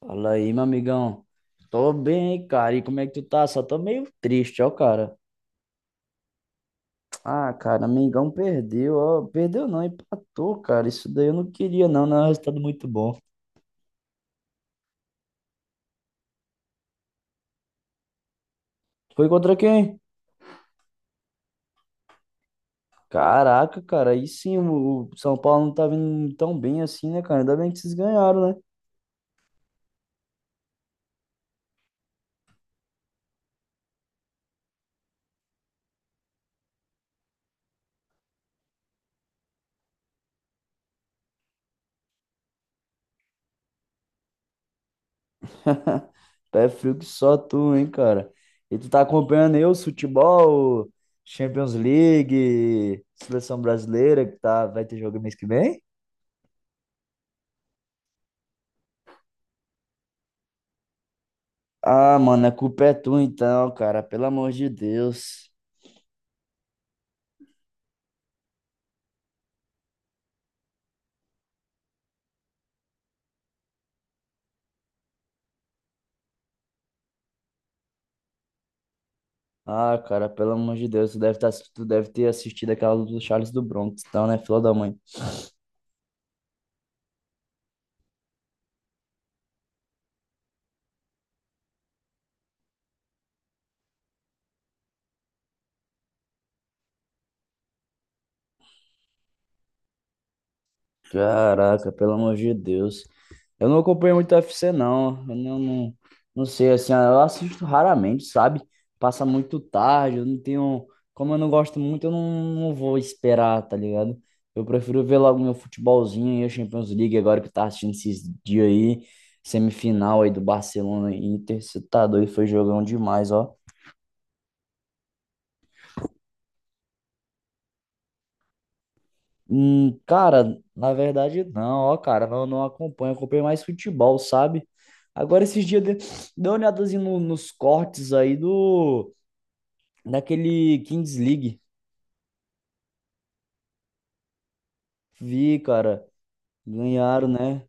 Fala aí, meu amigão. Tô bem, cara. E como é que tu tá? Só tô meio triste, ó, cara. Ah, cara, amigão perdeu, ó. Perdeu não, empatou, cara. Isso daí eu não queria, não. Não é um resultado muito bom. Foi contra quem? Caraca, cara. Aí sim, o São Paulo não tá vindo tão bem assim, né, cara? Ainda bem que vocês ganharam, né? Pé frio que só tu, hein, cara. E tu tá acompanhando aí o futebol, Champions League, Seleção Brasileira, que tá, vai ter jogo mês que vem? Ah, mano, a culpa é tu então, cara, pelo amor de Deus. Ah, cara, pelo amor de Deus, tu deve, tá, tu deve ter assistido aquela luta do Charles do Bronx, então, né, filha da mãe? Caraca, pelo amor de Deus. Eu não acompanho muito UFC, não. Não sei, assim, eu assisto raramente, sabe? Passa muito tarde, eu não tenho. Como eu não gosto muito, eu não, não vou esperar, tá ligado? Eu prefiro ver logo meu futebolzinho e a Champions League agora que tá assistindo esses dias aí. Semifinal aí do Barcelona e Inter, você tá doido, foi jogão demais, ó. Cara, na verdade não, ó, cara, não acompanho, acompanho mais futebol, sabe? Agora esses dias dei uma olhadazinha nos cortes aí do daquele Kings League. Vi, cara, ganharam, né?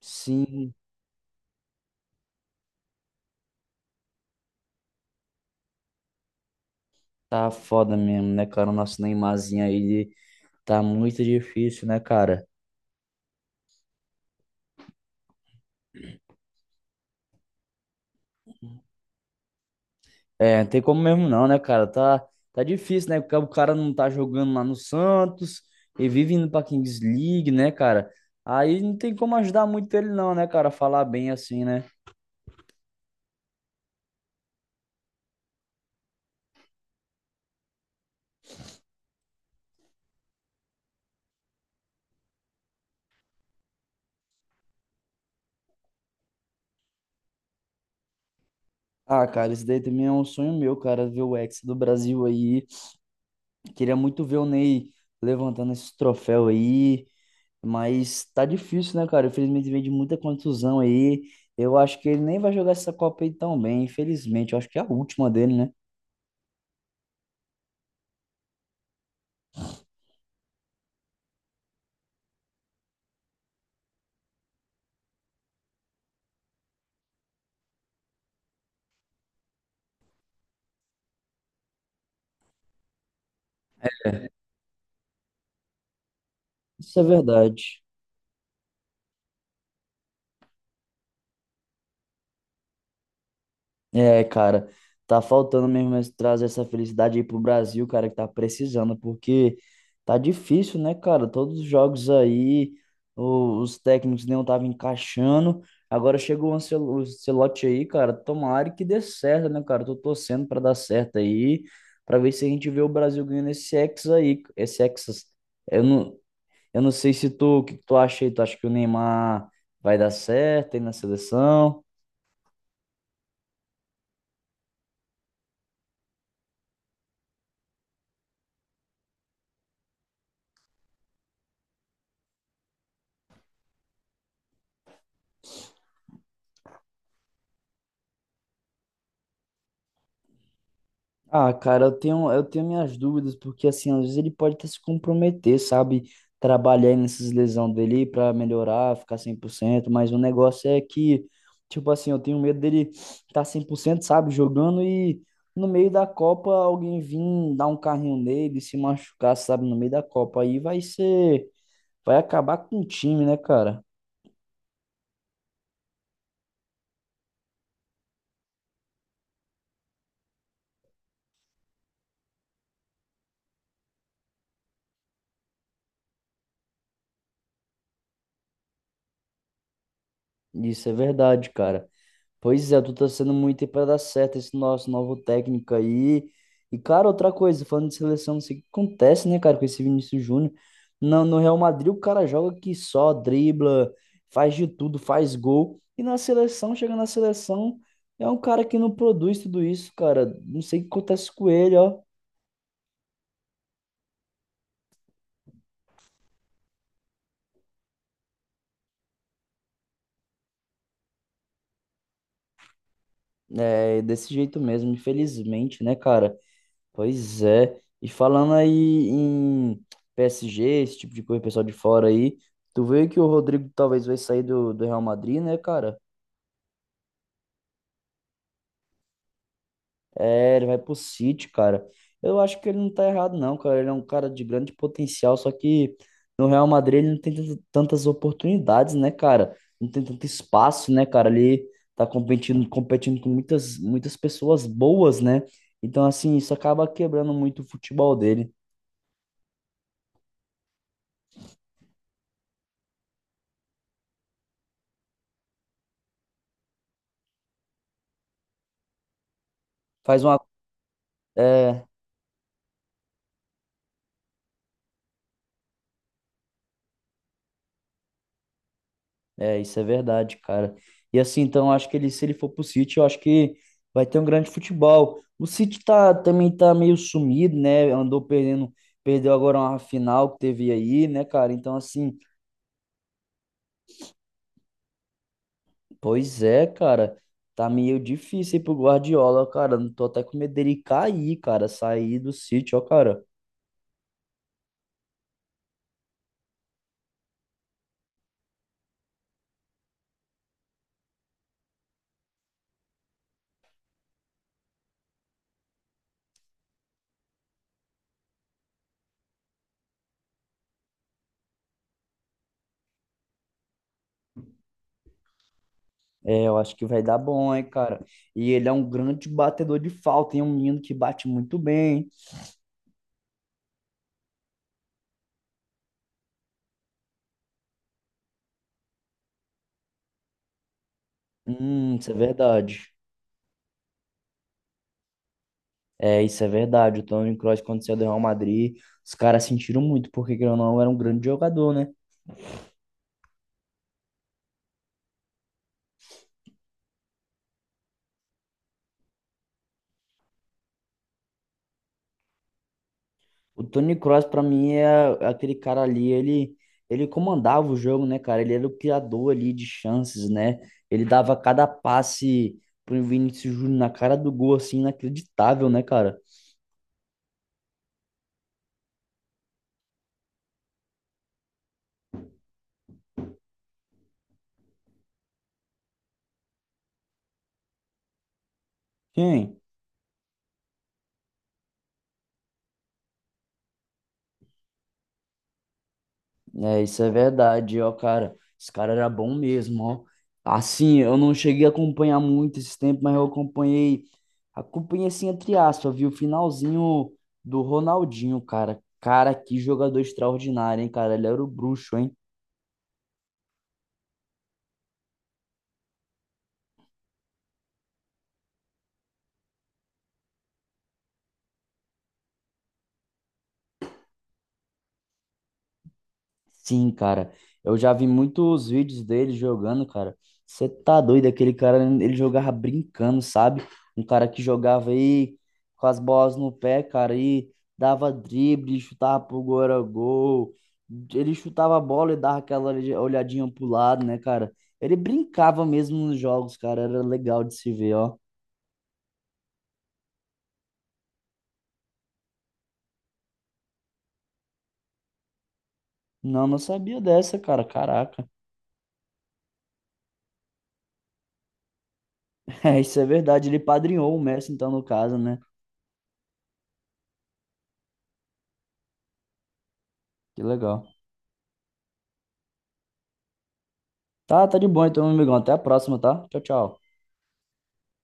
Sim, tá foda mesmo, né, cara? O nosso Neymarzinho aí tá muito difícil, né, cara? É, não tem como mesmo não, né, cara? Tá, tá difícil, né? Porque o cara não tá jogando lá no Santos e vive indo pra Kings League, né, cara? Aí não tem como ajudar muito ele não, né, cara? Falar bem assim, né? Ah, cara, isso daí também é um sonho meu, cara, ver o Hexa do Brasil aí. Queria muito ver o Ney levantando esse troféu aí, mas tá difícil, né, cara? Infelizmente vem de muita contusão aí. Eu acho que ele nem vai jogar essa Copa aí tão bem, infelizmente. Eu acho que é a última dele, né? Isso é verdade. É, cara, tá faltando mesmo esse- trazer essa felicidade aí pro Brasil, cara, que tá precisando, porque tá difícil, né, cara? Todos os jogos aí, o- os técnicos não estavam encaixando. Agora chegou o Ancel- o Ancelotti aí, cara. Tomara que dê certo, né, cara? Tô torcendo pra dar certo aí, pra ver se a gente vê o Brasil ganhando esse Hexa aí, esse Hexas. Eu não, eu não sei se tu, o que que tu acha aí? Tu acha que o Neymar vai dar certo aí na seleção? Ah, cara, eu tenho minhas dúvidas, porque assim, às vezes ele pode até se comprometer, sabe? Trabalhar nessas lesões dele pra melhorar, ficar cem por cento, mas o negócio é que, tipo assim, eu tenho medo dele estar cem por cento, sabe? Jogando e no meio da Copa alguém vir dar um carrinho nele, se machucar, sabe? No meio da Copa. Vai acabar com o time, né, cara? Isso é verdade, cara. Pois é, eu tô sendo muito aí pra dar certo esse nosso novo técnico aí. E, cara, outra coisa, falando de seleção, não sei o que acontece, né, cara, com esse Vinícius Júnior. No Real Madrid, o cara joga que só, dribla, faz de tudo, faz gol. E na seleção, chega na seleção, é um cara que não produz tudo isso, cara. Não sei o que acontece com ele, ó. É desse jeito mesmo, infelizmente, né, cara? Pois é. E falando aí em PSG, esse tipo de coisa, pessoal de fora aí, tu vê que o Rodrigo talvez vai sair do Real Madrid, né, cara? É, ele vai pro City, cara. Eu acho que ele não tá errado, não, cara. Ele é um cara de grande potencial, só que no Real Madrid ele não tem tant- tantas oportunidades, né, cara? Não tem tanto espaço, né, cara? Ele tá competindo com muitas pessoas boas, né? Então, assim, isso acaba quebrando muito o futebol dele. Faz uma. É, É, isso é verdade, cara. E assim, então, eu acho que ele, se ele for pro City, eu acho que vai ter um grande futebol. O City também tá meio sumido, né? Andou perdendo, perdeu agora uma final que teve aí, né, cara? Então, assim, pois é, cara. Tá meio difícil aí pro Guardiola, cara. Não tô até com medo dele cair, cara. Sair do City, ó, cara. É, eu acho que vai dar bom, hein, cara. E ele é um grande batedor de falta, hein? Um menino que bate muito bem. Isso é verdade. É, isso é verdade. O Toni Kroos, quando saiu do Real Madrid, os caras sentiram muito, porque querendo ou não, era um grande jogador, né? O Toni Kroos, pra mim, é aquele cara ali, ele comandava o jogo, né, cara? Ele era o criador ali de chances, né? Ele dava cada passe pro Vinícius Júnior na cara do gol, assim, inacreditável, né, cara? Quem é, isso é verdade, ó, cara. Esse cara era bom mesmo, ó. Assim, eu não cheguei a acompanhar muito esse tempo, mas eu acompanhei, acompanhei assim, entre aspas, vi o finalzinho do Ronaldinho, cara. Cara, que jogador extraordinário, hein, cara? Ele era o bruxo, hein? Sim, cara. Eu já vi muitos vídeos dele jogando, cara. Você tá doido, aquele cara, ele jogava brincando, sabe? Um cara que jogava aí com as bolas no pé, cara, e dava drible, chutava pro gol, era gol. Ele chutava a bola e dava aquela olha- olhadinha pro lado, né, cara? Ele brincava mesmo nos jogos, cara. Era legal de se ver, ó. Não, não sabia dessa, cara. Caraca. É, isso é verdade. Ele padrinhou o Messi, então, no caso, né? Que legal. Tá, tá de bom então, meu amigão. Até a próxima, tá? Tchau, tchau.